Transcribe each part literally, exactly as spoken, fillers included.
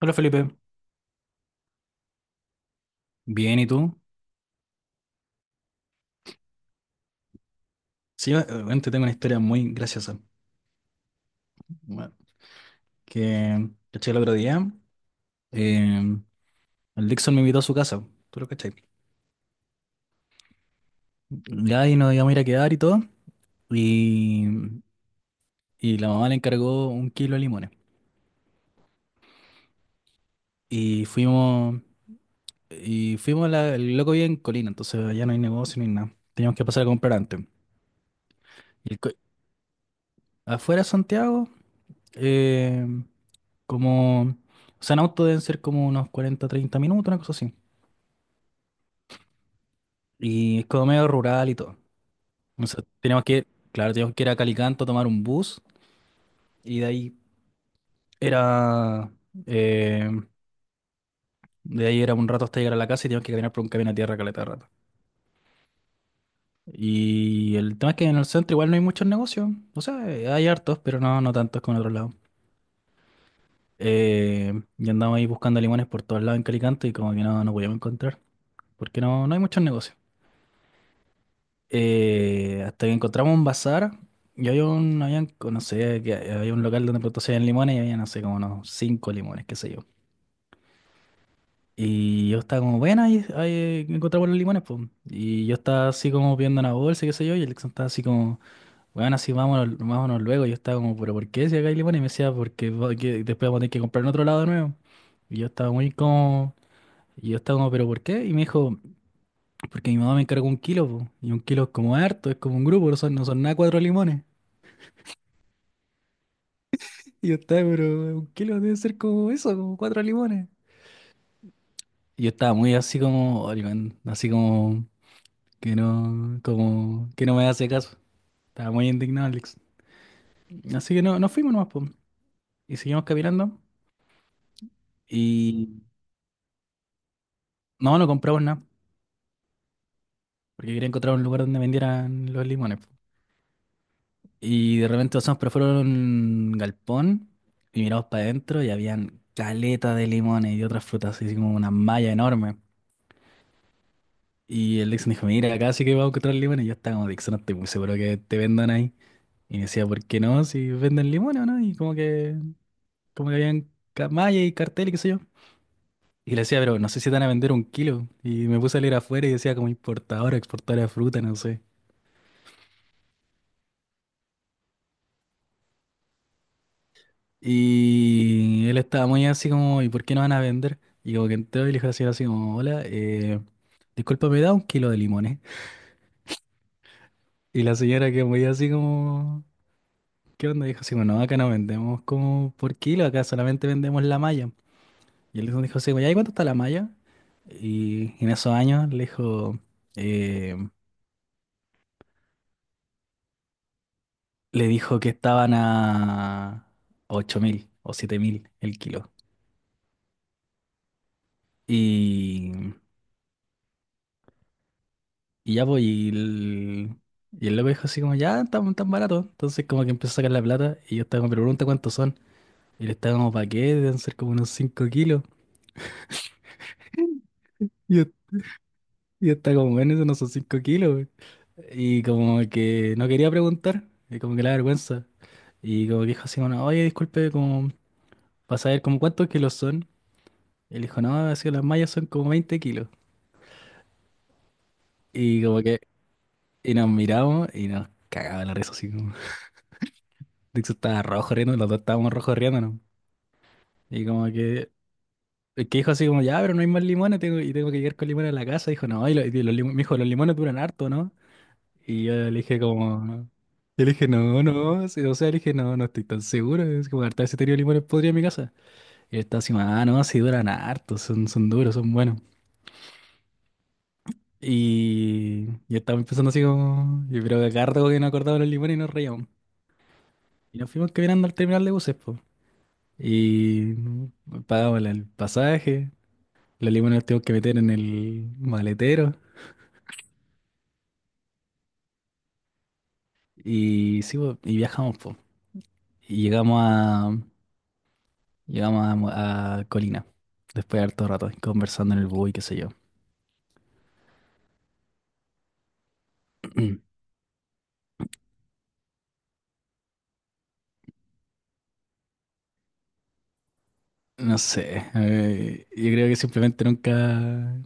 Hola Felipe, bien, ¿y tú? Sí, yo eh, bueno, te tengo una historia muy graciosa. Bueno, que caché el otro día, eh, el Dixon me invitó a su casa, tú lo cachai. Ya ahí nos íbamos a ir a quedar y todo, y, y la mamá le encargó un kilo de limones. Y fuimos, y fuimos, la- el loco vive en Colina, entonces allá no hay negocio ni nada. Teníamos que pasar a comprar antes. Y el co- Afuera de Santiago, eh, como, o sea, en auto deben ser como unos cuarenta treinta minutos, una cosa así. Y es como medio rural y todo. O sea, teníamos que, claro, teníamos que ir a Calicanto, tomar un bus y de ahí era, eh, de ahí era un rato hasta llegar a la casa, y teníamos que caminar por un camino a tierra caleta de rato. Y el tema es que en el centro igual no hay muchos negocios. O sea, hay hartos, pero no, no tantos como en otros lados. Eh, y andamos ahí buscando limones por todos lados en Calicanto, y como que no, no podíamos encontrar. Porque no, no hay muchos negocios. Eh, hasta que encontramos un bazar, y había un, habían, no sé, que había un local donde producían limones, y había, no sé, como unos cinco limones, qué sé yo. Y yo estaba como, bueno, ahí, ahí encontramos los limones, pues. Y yo estaba así como viendo una bolsa, qué sé yo, y Alexon estaba así como, bueno, así vámonos, vámonos luego. Y yo estaba como, pero ¿por qué si acá hay limones? Y me decía, porque va- que después vamos a tener que comprar en otro lado de nuevo. Y yo estaba muy como, y yo estaba como, pero ¿por qué? Y me dijo, porque mi mamá me encargó un kilo, po, y un kilo es como harto, es como un grupo, no son, no son nada cuatro limones. Y yo estaba, pero un kilo debe ser como eso, como cuatro limones. Y yo estaba muy así como, "Oye, man", así como que no, como que no me hace caso. Estaba muy indignado, Alex. Así que no, nos fuimos nomás, po. Y seguimos caminando. Y no, no compramos nada, porque quería encontrar un lugar donde vendieran los limones, po. Y de repente pasamos por fuera de un galpón y miramos para adentro, y habían caleta de limones y otras frutas, así como una malla enorme. Y el Dixon dijo, mira, acá sí que vamos a encontrar limones. Y yo estaba como, Dixon, no estoy muy seguro que te vendan ahí. Y me decía, ¿por qué no? Si venden limones o no. Y como que, como que habían ca- mallas y cartel y qué sé yo. Y le decía, pero no sé si te van a vender un kilo. Y me puse a leer afuera y decía como importadora, exportadora de fruta, no sé. Y él estaba muy así como, ¿y por qué no van a vender? Y como que entró y le dijo así, así como, hola, eh, disculpa, ¿me da un kilo de limones? Y la señora que muy así como... ¿Qué onda? Dijo, sí, bueno, acá no vendemos como por kilo, acá solamente vendemos la malla. Y él dijo, sí, bueno, ¿y cuánto está la malla? Y en esos años le dijo, eh, le dijo que estaban a ocho mil o siete mil el kilo. Y, y ya, pues, y el, y el loco dijo así como, ya, estamos tan baratos. Entonces como que empezó a sacar la plata, y yo estaba como, pero pregunta cuántos son. Y le estaba como, ¿para qué? Deben ser como unos cinco kilos. Y yo Y está como en eso, no son cinco kilos, güey. Y como que no quería preguntar, y como que la vergüenza. Y como que dijo así, bueno, oye, disculpe, como para saber como cuántos kilos son. Y él dijo, no, así las mallas son como veinte kilos. Y como que, y nos miramos y nos cagaba la risa así como. De estaba rojo riendo, los dos estábamos rojos riendo, no. Y como que, el que dijo así como, ya, pero no hay más limones, tengo, y tengo que llegar con limones a la casa. Dijo, no, y, lo- y los, limo- me dijo, los limones duran harto, ¿no? Y yo le dije como, yo le dije, no, no, sí, o sea, le dije, no, no estoy tan seguro, es como harta ese tenido limones podría en mi casa. Y él estaba así, ah, no, sí duran harto, son, son duros, son buenos. Y yo estaba empezando así como, y pero acá rato que no acordaba los limones, y nos reíamos. Y nos fuimos caminando al terminal de buses, pues. Y pagamos la- el pasaje, los limones los tuvimos que meter en el maletero. Y sí, po, y viajamos, pues. Y llegamos, Llegamos a, Mo- a Colina, después de harto rato, conversando en el bus y qué sé yo. No sé, eh, yo creo que simplemente nunca,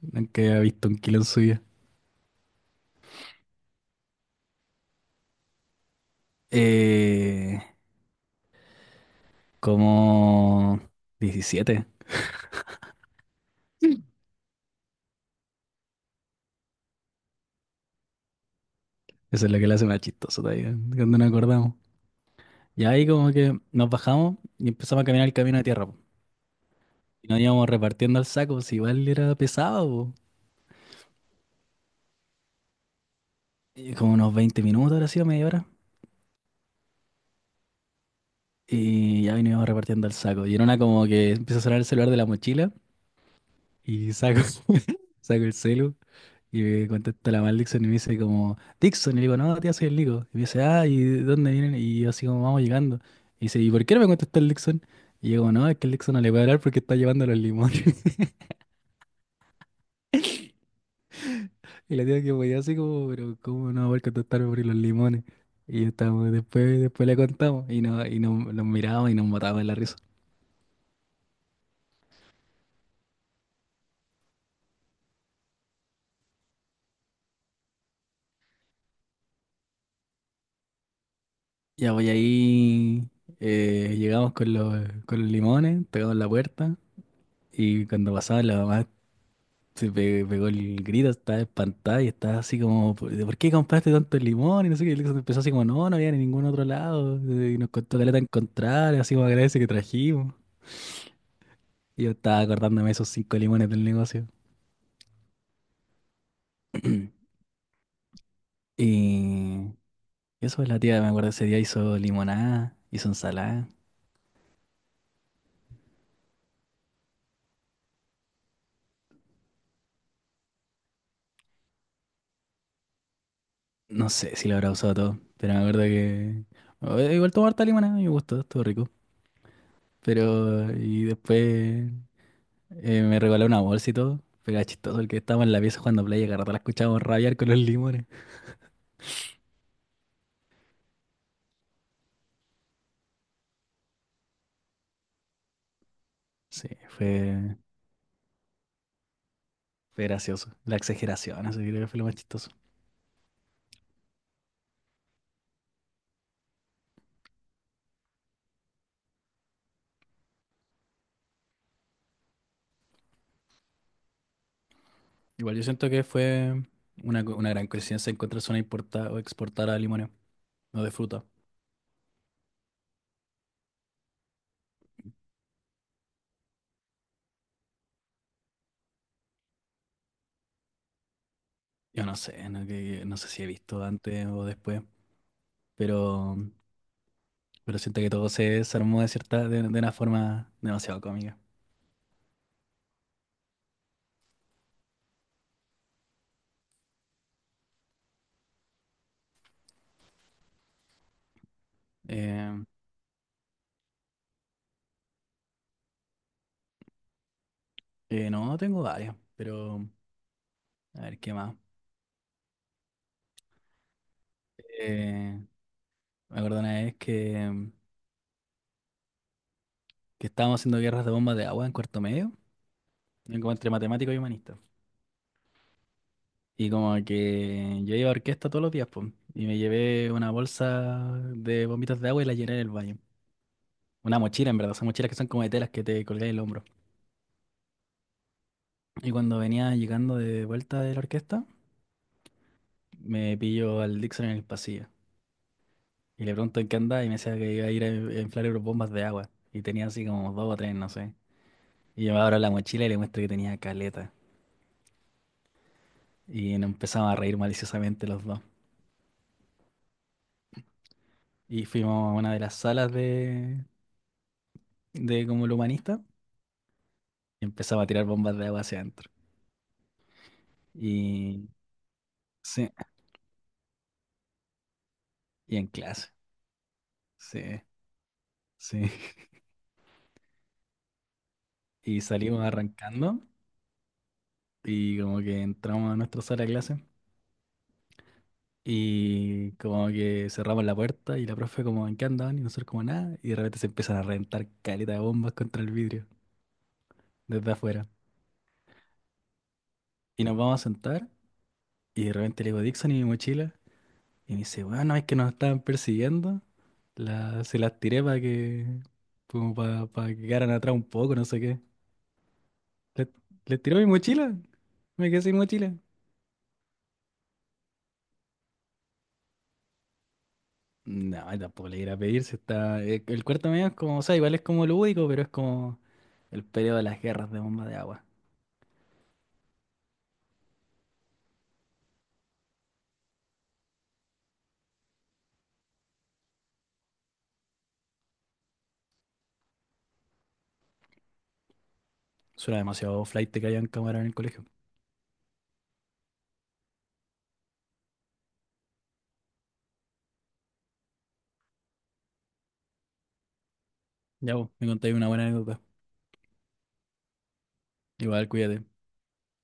nunca había visto un kilo en su vida. Eh, Como diecisiete. Eso es lo que le hace más chistoso todavía, cuando nos acordamos. Y ahí como que nos bajamos y empezamos a caminar el camino de tierra, po. Y nos íbamos repartiendo al saco, si igual era pesado, po. Y como unos veinte minutos, ahora sido media hora. Y ya veníamos repartiendo el saco. Y en una como que empieza a sonar el celular de la mochila, y saco, saco el celu, y me contesta la mal Dixon, y me dice como, Dixon, y le digo, no, tía, soy el Nico. Y me dice, ah, ¿y de dónde vienen? Y yo así como, vamos llegando. Y dice, ¿y por qué no me contestó el Dixon? Y yo como, no, es que el Dixon no le puede hablar porque está llevando los limones. Y la tía que podía así como, pero ¿cómo no va a poder contestarme por los limones? Y estábamos, después, después le contamos y, no, y nos, nos mirábamos y nos matábamos de la risa. Ya voy ahí, eh, llegamos con los, con los limones, tocamos la puerta, y cuando pasaba la mamá se pe- pegó el grito, estaba espantada y estaba así como, ¿por por qué compraste tanto limón? Y no sé qué, y empezó así como, no, no había en ningún otro lado, eh, y nos costó caleta encontrar, así como agradece que trajimos. Y yo estaba acordándome de esos cinco limones del negocio. Y eso es la tía, me acuerdo ese día hizo limonada, hizo ensalada. No sé si lo habrá usado todo, pero me acuerdo que... o- eh, Igual tomar harta limonada, me gustó, estuvo rico. Pero... Y después eh, me regaló una bolsa y todo. Pero era chistoso el que estábamos en la pieza jugando play y a cada rato la escuchábamos rabiar con los limones. Sí, fue, fue gracioso. La exageración, así creo que fue lo más chistoso. Igual yo siento que fue una, co- una gran coincidencia encontrarse una importada o exportada de limones, no de fruta. Yo no sé, no, que- no sé si he visto antes o después, pero... Pero siento que todo se desarmó de cierta, de, de una forma demasiado cómica. Eh, eh, no, tengo varias, pero a ver qué más. Eh, Me acuerdo una vez que, que estábamos haciendo guerras de bombas de agua en cuarto medio, en- como entre matemático y humanista. Y como que yo iba a orquesta todos los días, pues, y me llevé una bolsa de bombitas de agua y la llené en el baño. Una mochila, en verdad, son mochilas que son como de telas que te colgáis el hombro. Y cuando venía llegando de vuelta de la orquesta, me pillo al Dixon en el pasillo. Y le pregunto en qué andaba, y me decía que iba a ir a inflar bombas de agua. Y tenía así como dos o tres, no sé. Y yo me abro la mochila y le muestro que tenía caleta. Y nos empezamos a reír maliciosamente los dos. Y fuimos a una de las salas de, de como el humanista, y empezaba a tirar bombas de agua hacia adentro. Y sí, y en clase. Sí, sí. Y salimos arrancando, y como que entramos a nuestra sala de clase. Y como que cerramos la puerta, y la profe como, ¿en qué andaban? Y nosotros como nada. Y de repente se empiezan a reventar caleta de bombas contra el vidrio desde afuera. Y nos vamos a sentar, y de repente le digo, Dixon, ¿y mi mochila? Y me dice, bueno, es que nos estaban persiguiendo. La, se las tiré para que, como para, que quedaran atrás un poco, no sé qué. Le, le tiró mi mochila. Me quedé sin mochila. No, tampoco le iré a pedir si está... El, el cuarto medio es como, o sea, igual es como lúdico, pero es como el periodo de las guerras de bomba de agua. Suena demasiado flight que hayan cámara en el colegio. Ya vos, me contáis una buena anécdota. Igual, cuídate.